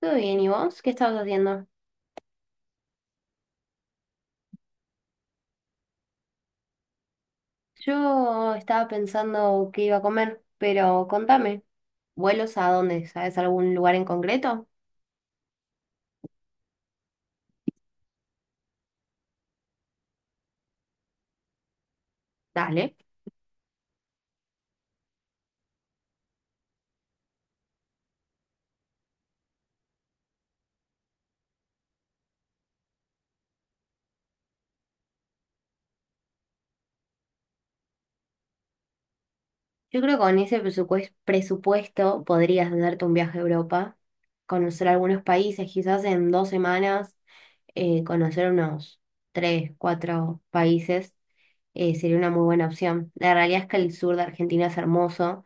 Todo bien, ¿y vos? ¿Qué estabas haciendo? Yo estaba pensando qué iba a comer, pero contame, ¿vuelos a dónde? ¿Sabes algún lugar en concreto? Dale. Yo creo que con ese presupuesto podrías hacerte un viaje a Europa, conocer algunos países, quizás en dos semanas, conocer unos tres, cuatro países. Sería una muy buena opción. La realidad es que el sur de Argentina es hermoso,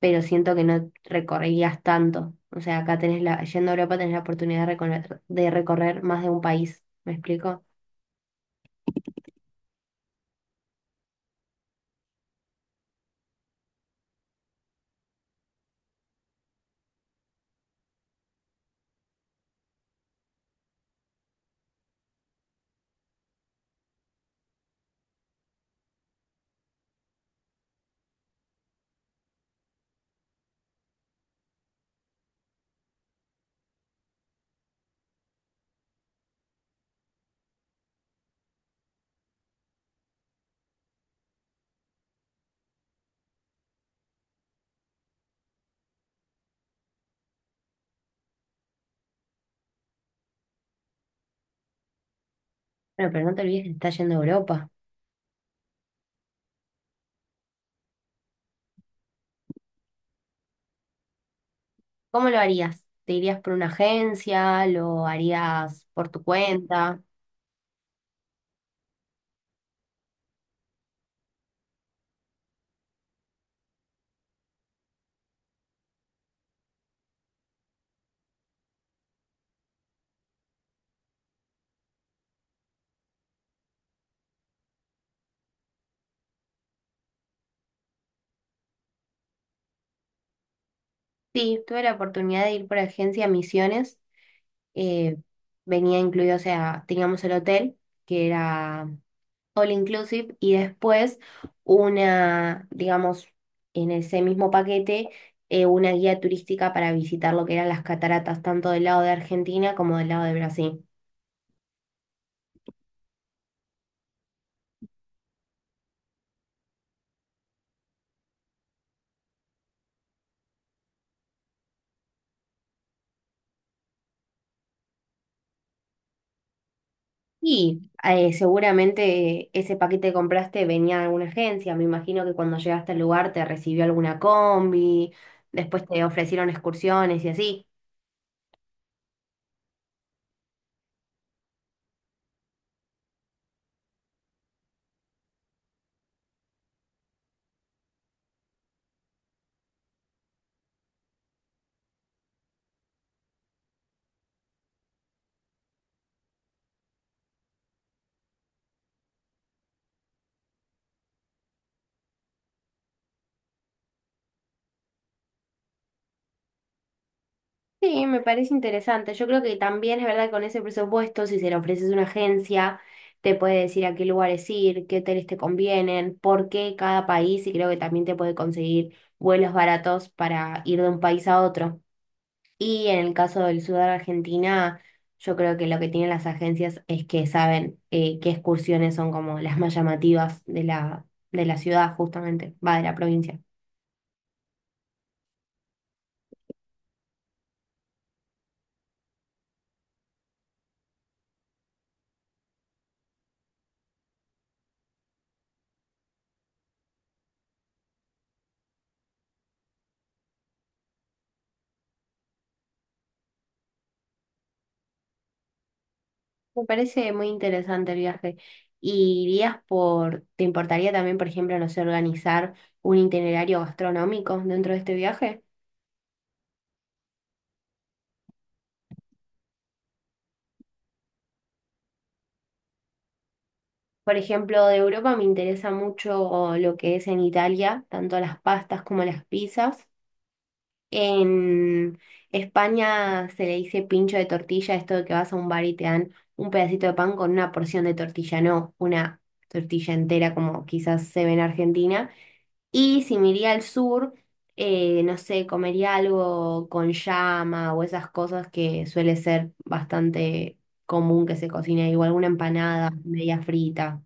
pero siento que no recorrerías tanto. O sea, acá tenés la, yendo a Europa tenés la oportunidad de recorrer más de un país. ¿Me explico? Bueno, pero no te olvides que estás yendo a Europa. ¿Cómo lo harías? ¿Te irías por una agencia? ¿Lo harías por tu cuenta? Sí, tuve la oportunidad de ir por agencia a Misiones. eh, Venía incluido, o sea, teníamos el hotel, que era all inclusive, y después una, digamos, en ese mismo paquete, una guía turística para visitar lo que eran las cataratas, tanto del lado de Argentina como del lado de Brasil. Y seguramente ese paquete que compraste venía de alguna agencia. Me imagino que cuando llegaste al lugar te recibió alguna combi, después te ofrecieron excursiones y así. Sí, me parece interesante. Yo creo que también es verdad que con ese presupuesto, si se le ofreces a una agencia, te puede decir a qué lugares ir, qué hoteles te convienen, por qué cada país, y creo que también te puede conseguir vuelos baratos para ir de un país a otro. Y en el caso del sur de Argentina, yo creo que lo que tienen las agencias es que saben qué excursiones son como las más llamativas de la ciudad, justamente, va de la provincia. Me parece muy interesante el viaje. ¿Y irías por, te importaría también, por ejemplo, no sé, organizar un itinerario gastronómico dentro de este viaje? Por ejemplo, de Europa me interesa mucho lo que es en Italia, tanto las pastas como las pizzas. En España se le dice pincho de tortilla, esto de que vas a un bar y te dan un pedacito de pan con una porción de tortilla, no una tortilla entera como quizás se ve en Argentina. Y si me iría al sur, no sé, comería algo con llama o esas cosas que suele ser bastante común que se cocine ahí, o alguna empanada media frita.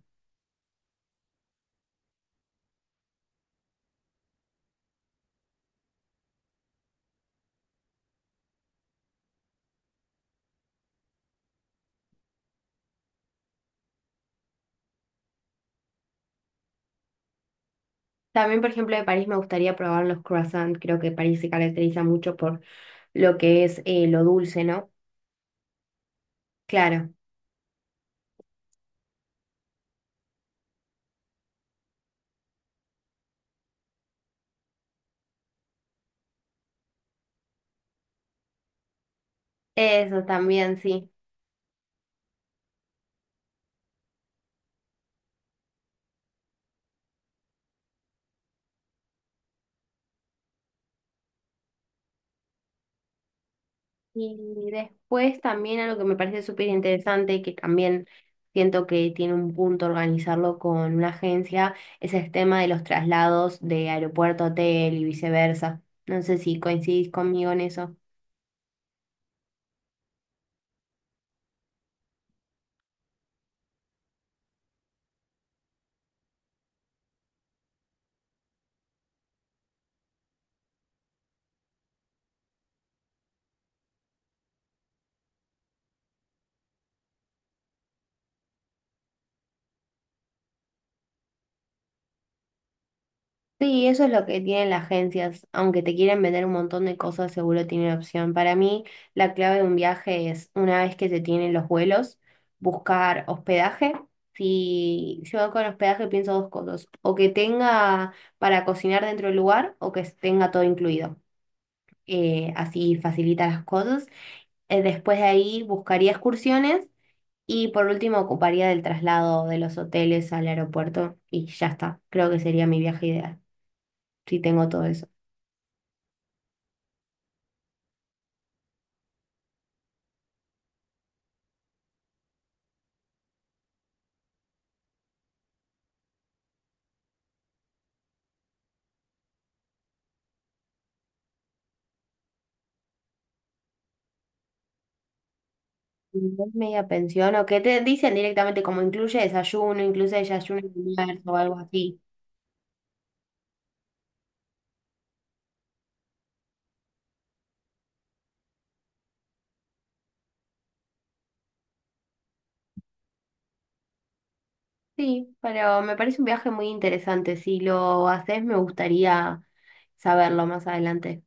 También, por ejemplo, de París me gustaría probar los croissants. Creo que París se caracteriza mucho por lo que es lo dulce, ¿no? Claro, eso también, sí. Y después también algo que me parece súper interesante, que también siento que tiene un punto organizarlo con una agencia, es el tema de los traslados de aeropuerto a hotel y viceversa. No sé si coincidís conmigo en eso. Sí, eso es lo que tienen las agencias. Aunque te quieren vender un montón de cosas, seguro tienen opción. Para mí, la clave de un viaje es, una vez que se tienen los vuelos, buscar hospedaje. Si yo con hospedaje pienso dos cosas, o que tenga para cocinar dentro del lugar o que tenga todo incluido. Así facilita las cosas. Después de ahí buscaría excursiones y por último ocuparía del traslado de los hoteles al aeropuerto y ya está. Creo que sería mi viaje ideal. Sí, tengo todo eso. Media pensión, o que te dicen directamente como incluye desayuno y almuerzo o algo así. Sí, pero me parece un viaje muy interesante. Si lo haces, me gustaría saberlo más adelante.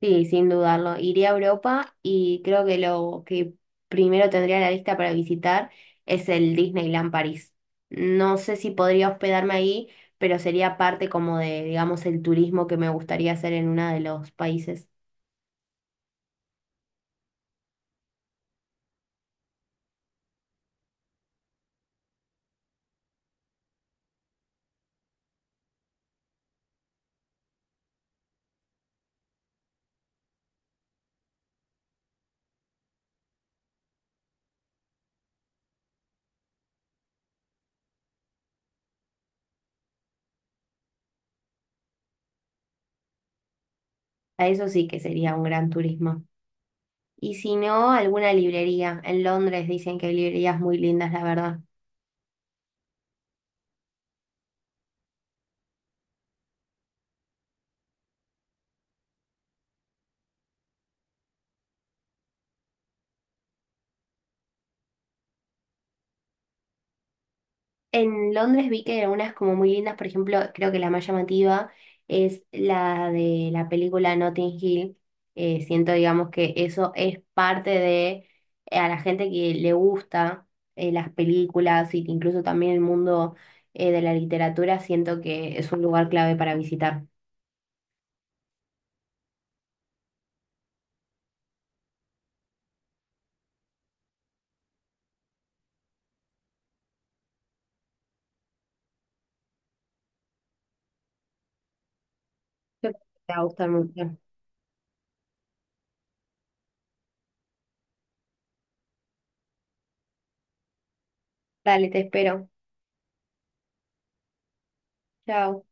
Sí, sin dudarlo. Iría a Europa y creo que lo que primero tendría en la lista para visitar es el Disneyland París. No sé si podría hospedarme ahí, pero sería parte como de, digamos, el turismo que me gustaría hacer en uno de los países. A eso sí que sería un gran turismo. Y si no, alguna librería. En Londres dicen que hay librerías muy lindas, la verdad. En Londres vi que eran unas como muy lindas, por ejemplo, creo que la más llamativa es la de la película Notting Hill. Siento, digamos, que eso es parte de a la gente que le gusta las películas y que incluso también el mundo de la literatura, siento que es un lugar clave para visitar. Yo creo que te va a gustar mucho. Dale, te espero. Chao.